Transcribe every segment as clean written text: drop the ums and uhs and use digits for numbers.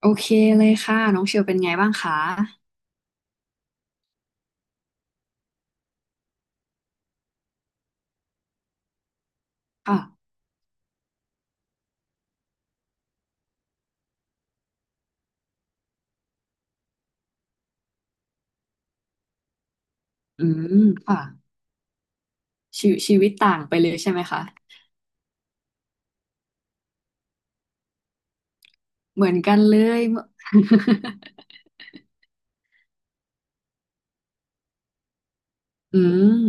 โอเคเลยค่ะน้องเชลเป็นไงบ้างคะค่ะอืมค่ะชีวิตต่างไปเลยใช่ไหมคะเหมือนกันเลย เมื่อ อืม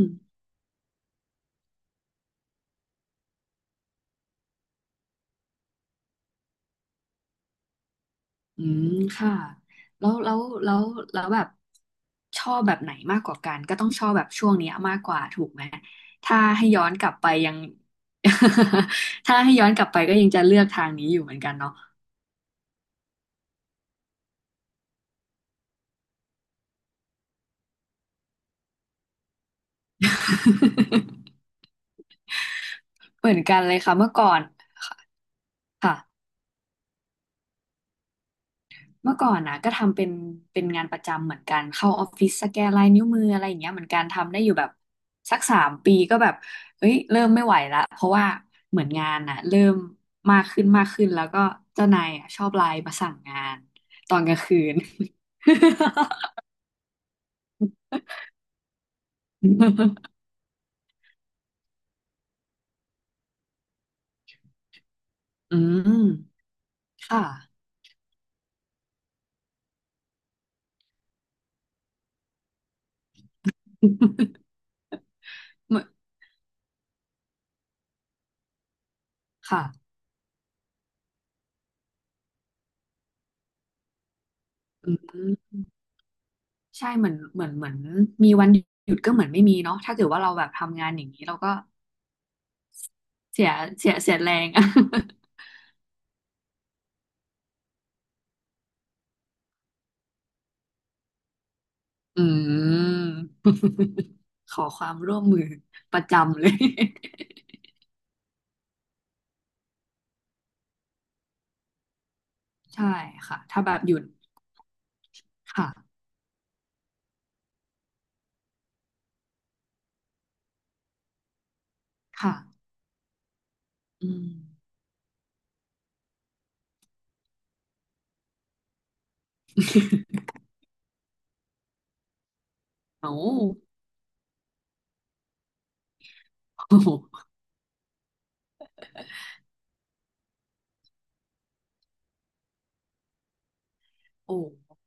อืมค่ะแล้วแล้วแล้วแล้วแบบชอบแบบไหนมากกว่ากันก็ต้องชอบแบบช่วงเนี้ยมากกว่าถูกไหมถ้าให้ย้อนกลับไปยัง ถ้าให้ย้อนกลับไปก็ยังจะเลือกทางนี้อยู่เหมือนกันเนาะ เหมือนกันเลยค่ะเมื่อก่อนค่ะ เมื่อก่อนนะก็ทำเป็นงานประจำเหมือนกันเข้าออฟฟิศสแกนลายนิ้วมืออะไรอย่างเงี้ยเหมือนกันทำได้อยู่แบบสักสามปีก็แบบเอ้ยเริ่มไม่ไหวละเพราะว่าเหมือนงานน่ะเริ่มมากขึ้นมากขึ้นแล้วก็เจ้านายอะชอบไลน์มาสั่งงานตอนกลางคืน อืมค่ะ เหมือนค่ะอืมใช่เหมือนมีวันหยุดก็เหมือนไม่มีเนาะถ้าเกิดว่าเราแบบทำงานอย่างนี้เราก็เสียเสียแรง อืม ขอความร่วมมือประจำเลย ใช่ค่ะถ้าแบบหยุดค่ะค่ะอืม โอ้ โอ้โหโอ้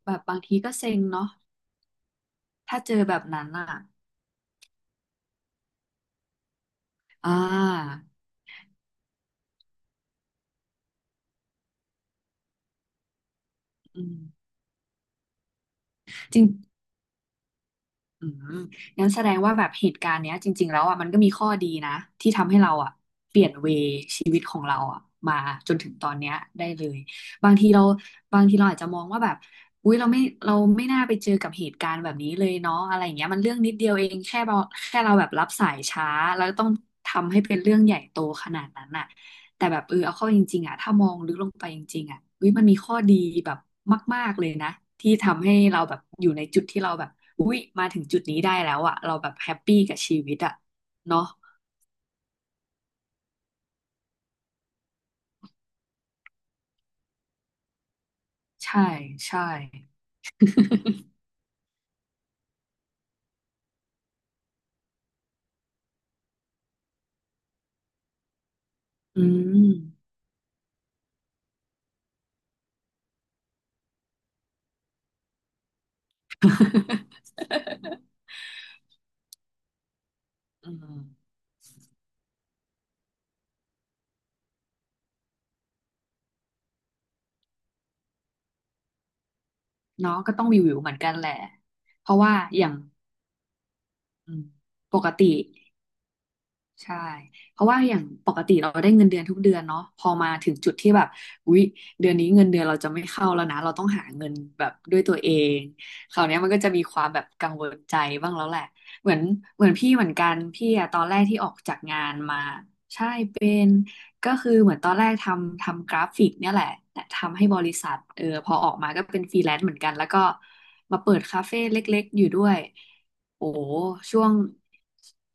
แบบบางทีก็เซ็งเนาะถ้าเจอแบบนั้นอ่ะอ่าอืม อืมงั้นแสดงว่าแบบเหตุการณ์เนี้ยจริงๆแล้วอ่ะมันก็มีข้อดีนะที่ทำให้เราอ่ะเปลี่ยนเวชีวิตของเราอ่ะมาจนถึงตอนเนี้ยได้เลยบางทีเราบางทีเราอาจจะมองว่าแบบอุ๊ยเราไม่เราไม่น่าไปเจอกับเหตุการณ์แบบนี้เลยเนาะอะไรอย่างเงี้ยมันเรื่องนิดเดียวเองแค่เราแค่เราแบบรับสายช้าแล้วต้องทำให้เป็นเรื่องใหญ่โตขนาดนั้นอ่ะ แต่แบบเออเอาเข้าจริงๆอ่ะถ้ามองลึกลงไปจริงๆอ่ะอุ้ยมันมีข้อดีแบบมากๆเลยนะที่ทำให้เราแบบอยู่ในจุดที่เราแบบอุ้ยมาถึงจุดนี้ได้แล้วอ่ะเราแบบแฮปปี้กับชีวิตอ่ะเนาะใช่ใช่อืม อืมเนาะก็ต้องวิวๆเหมือนกันแหละเพราะว่าอย่างอืมปกติ ใช่เพราะว่าอย่างปกติเราได้เงินเดือนทุกเดือนเนาะพอมาถึงจุดที่แบบอุ๊ยเดือนนี้เงินเดือนเราจะไม่เข้าแล้วนะเราต้องหาเงินแบบด้วยตัวเองคราวเนี้ยมันก็จะมีความแบบกังวลใจบ้างแล้วแหละเหมือนเหมือนพี่เหมือนกัน พี่อะตอนแรกที่ออกจากงานมา ใช่เป็น ก็คือเหมือนตอนแรกทำกราฟิกเนี่ยแหละแต่ทำให้บริษัทเออพอออกมาก็เป็นฟรีแลนซ์เหมือนกันแล้วก็มาเปิดคาเฟ่เล็กๆอยู่ด้วยโอ้ช่วง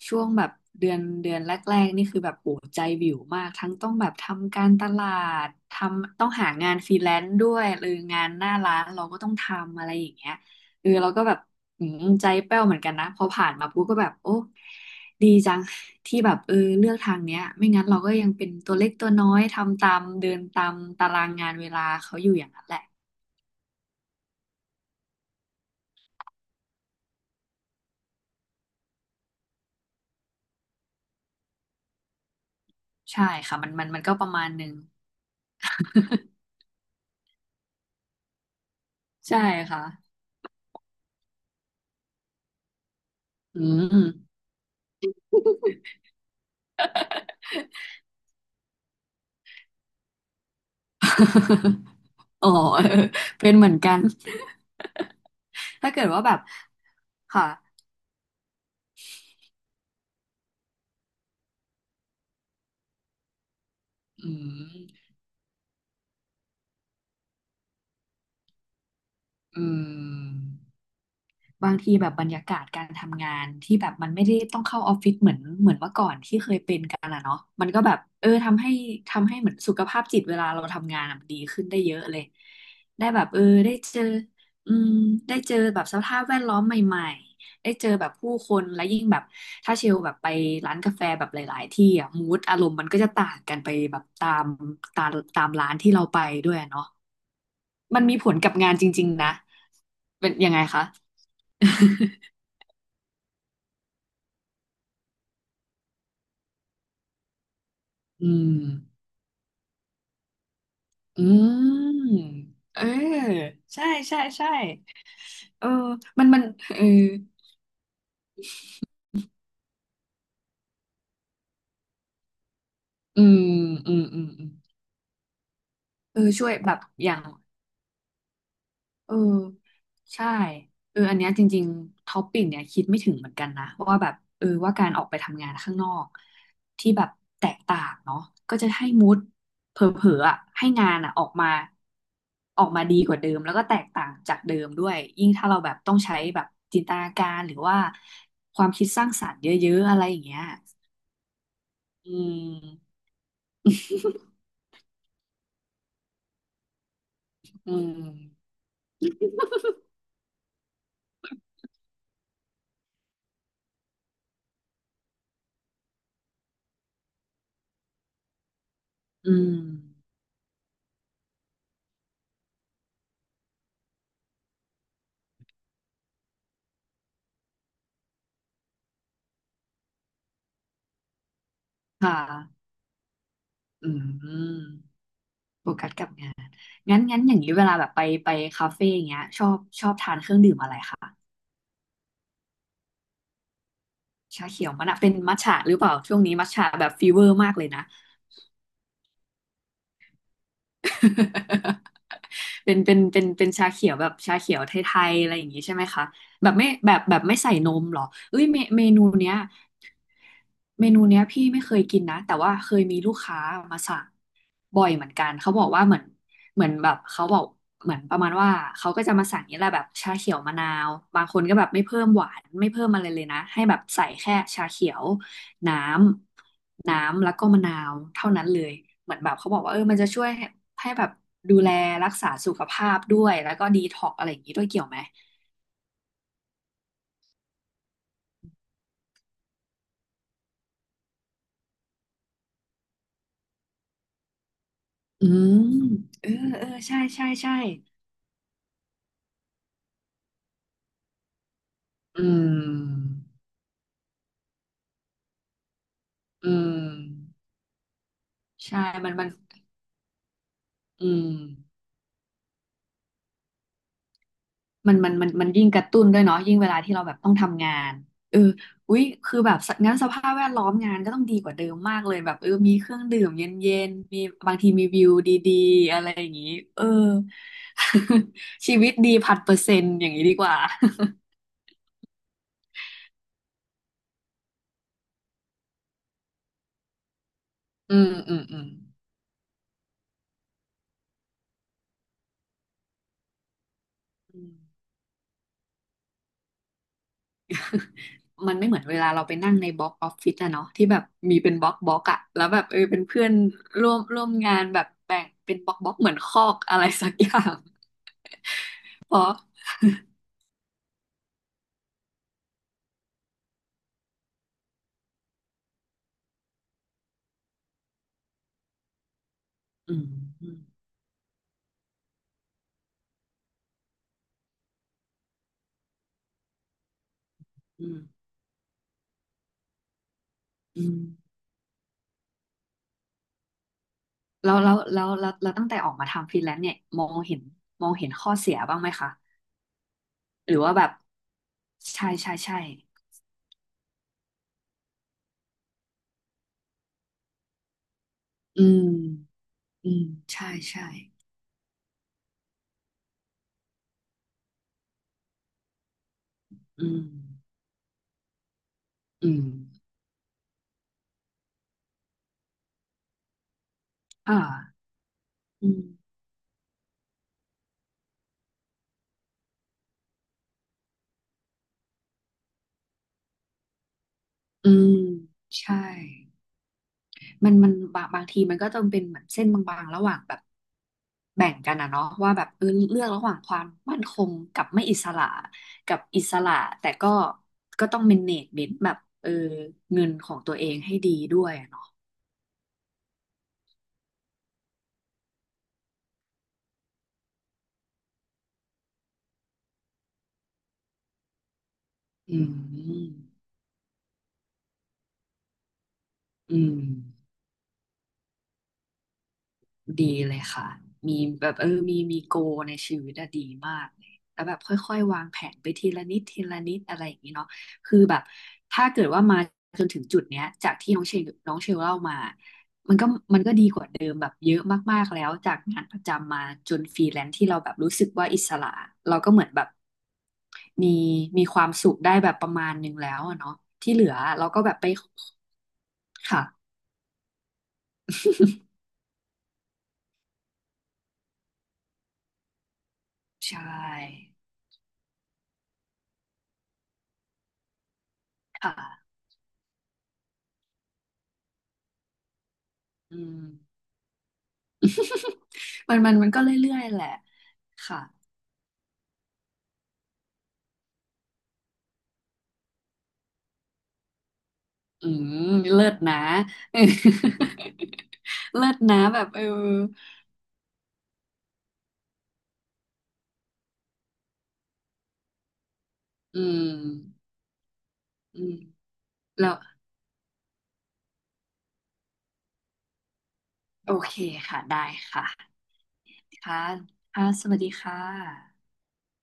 แบบเดือนแรกๆนี่คือแบบโอ้ใจวิวมากทั้งต้องแบบทำการตลาดทำต้องหางานฟรีแลนซ์ด้วยหรืองานหน้าร้านเราก็ต้องทำอะไรอย่างเงี้ยเออเราก็แบบอืมใจแป้วเหมือนกันนะพอผ่านมาปุ๊บก็แบบโอ้ ดีจังที่แบบเออเลือกทางเนี้ยไม่งั้นเราก็ยังเป็นตัวเล็กตัวน้อยทำตามเดินตามตารางงานเวลาเขาอยู่อย่างนั้นแหละใช่ค่ะมันก็ประมาณหนึ่งใช่ค่ะอืม อ๋อเออเป็นเหมือนกัน ถ้าเกิดว่าแบบค่ะอืมอืม บางทีแบบบรรยากาศการทำงานที่แบบมันไม่ได้ต้องเข้าออฟฟิศเมื่อก่อนที่เคยเป็นกันอะเนาะมันก็แบบเออทำให้เหมือนสุขภาพจิตเวลาเราทำงานอะมันดีขึ้นได้เยอะเลย ได้แบบเออได้เจออืมได้เจอแบบสภาพแวดล้อมใหม่ๆได้เจอแบบผู้คนและยิ่งแบบถ้าเชลแบบไปร้านกาแฟแบบหลายๆที่อะมูดอารมณ์มันก็จะต่างกันไปแบบตามตามตามร้านที่เราไปด้วยอะเนาะมันมีผลกับงานจริงๆนะ เป็นยังไงคะ อืม อืมเออใช่ใช่ใช่เออมัน มันเอออืม อืม อืม อืมเออช่วยแบบอย่าง เออใช่เอออันเนี้ยจริงๆท็อปปิ้งเนี่ยคิดไม่ถึงเหมือนกันนะว่าแบบเออว่าการออกไปทำงานข้างนอกที่แบบแตกต่างเนาะก็จะให้มูดเผลอๆอะให้งานอะออกมาดีกว่าเดิมแล้วก็แตกต่างจากเดิมด้วยยิ่งถ้าเราแบบต้องใช้แบบจินตนาการหรือว่าความคิดสร้างสรรค์เยอะๆอะไรอย่างเงี้ยอืมอืมอืมค่ะอืม โฟกัสกับงานงั้นอย่างนี้เวลาแบบไปคาเฟ่อย่างเงี้ยชอบทานเครื่องดื่มอะไรคะชาเขียวมะนาวเป็นมัทฉะหรือเปล่าช่วงนี้มัทฉะแบบฟีเวอร์มากเลยนะ เป็นชาเขียวแบบชาเขียวไทยๆอะไรอย่างนี้ใช่ไหมคะแบบแบบไม่ใส่นมเหรอเอ้ยเมนูเนี้ยเมนูเนี้ยพี่ไม่เคยกินนะแต่ว่าเคยมีลูกค้ามาสั่งบ่อยเหมือนกันเขาบอกว่าเหมือนเหมือนแบบเขาบอกเหมือนประมาณว่าเขาก็จะมาสั่งนี่แหละแบบชาเขียวมะนาวบางคนก็แบบไม่เพิ่มหวานไม่เพิ่มอะไรเลยนะให้แบบใส่แค่ชาเขียว น้น้ำแล้วก็มะนาวเท่านั้นเลยเหมือนแบบเขาบอกว่าเออมันจะช่วยให้ให้แบบดูแลรักษาสุขภาพด้วยแล้วก็ดีท็อกอะไรอย่างนี้ด้วยเกี่ยวไหมอืมเออเออใช่ใช่ใช่อืมอืมใช่มันอืม มันยิ่งกระตุ้นด้วยเนาะยิ่งเวลาที่เราแบบต้องทำงานเอออุ๊ยคือแบบงั้นสภาพแวดล้อมงานก็ต้องดีกว่าเดิมมากเลยแบบเออมีเครื่องดื่มเย็นๆมีบางทีมีวิวดีๆอะไรอย่างนี้เออ ชีวิตดีพันเปอร์เซ็นต์อย่างนี้ดีกว่า อืมอืมอืมอืมมันไม่เหมือนเวลาเราไปนั่งในบล็อกออฟฟิศอะเนาะที่แบบมีเป็นบล็อกบล็อกอะแล้วแบบเออเป็นเพื่อนร่วมงานแบบแบ่งเป็นบล็อกบล็อกเหมือนคอกอะไรสักอย่าง เพราะอืมอืมอืม อืมแล้วตั้งแต่ออกมาทำฟรีแลนซ์เนี่ยมองเห็นมองเห็นข้อเสียบ้างไหมคะหรือว่าแบบใช่ใช่ใช่ อืมอืมใช่ใช่ อืมอืมอ่าอืมอืมใช่ มันบางทีมันก็ต้องเป็นเหมือนเส้นบางๆ ระหว่างแบบแบ่งกันนะเนาะว่าแบบเออเลือกระหว่างความมั่นคงกับไม่อิสระกับอิสระแต่ก็ก็ต้องเมเนจเมนต์แบบเออเงินของตัวเองให้ดีด้วยอะเนาะอืมอืมดีเลยค่ะมีแบบเออมีโกในชีวิตอะดีมากเลยแล้วแบบค่อยๆวางแผนไปทีละนิดทีละนิดอะไรอย่างนี้เนาะคือแบบถ้าเกิดว่ามาจนถึงจุดเนี้ยจากที่น้องเชลเล่ามา ก็ดีกว่าเดิมแบบเยอะมากๆแล้วจากงานประจำมาจนฟรีแลนซ์ที่เราแบบรู้สึกว่าอิสระเราก็เหมือนแบบมีมีความสุขได้แบบประมาณหนึ่งแล้วอะเนาะที่เหลือเราก็แบบไปค่ะใช่ค่ะอืม มันก็เรื่อยๆแหละค่ะอืมเลิศนะ เลิศนะแบบเอออืมอืมแล้วโอเคค่ะได้ค่ะ ค่ะค่ะสวัสดีค่ะ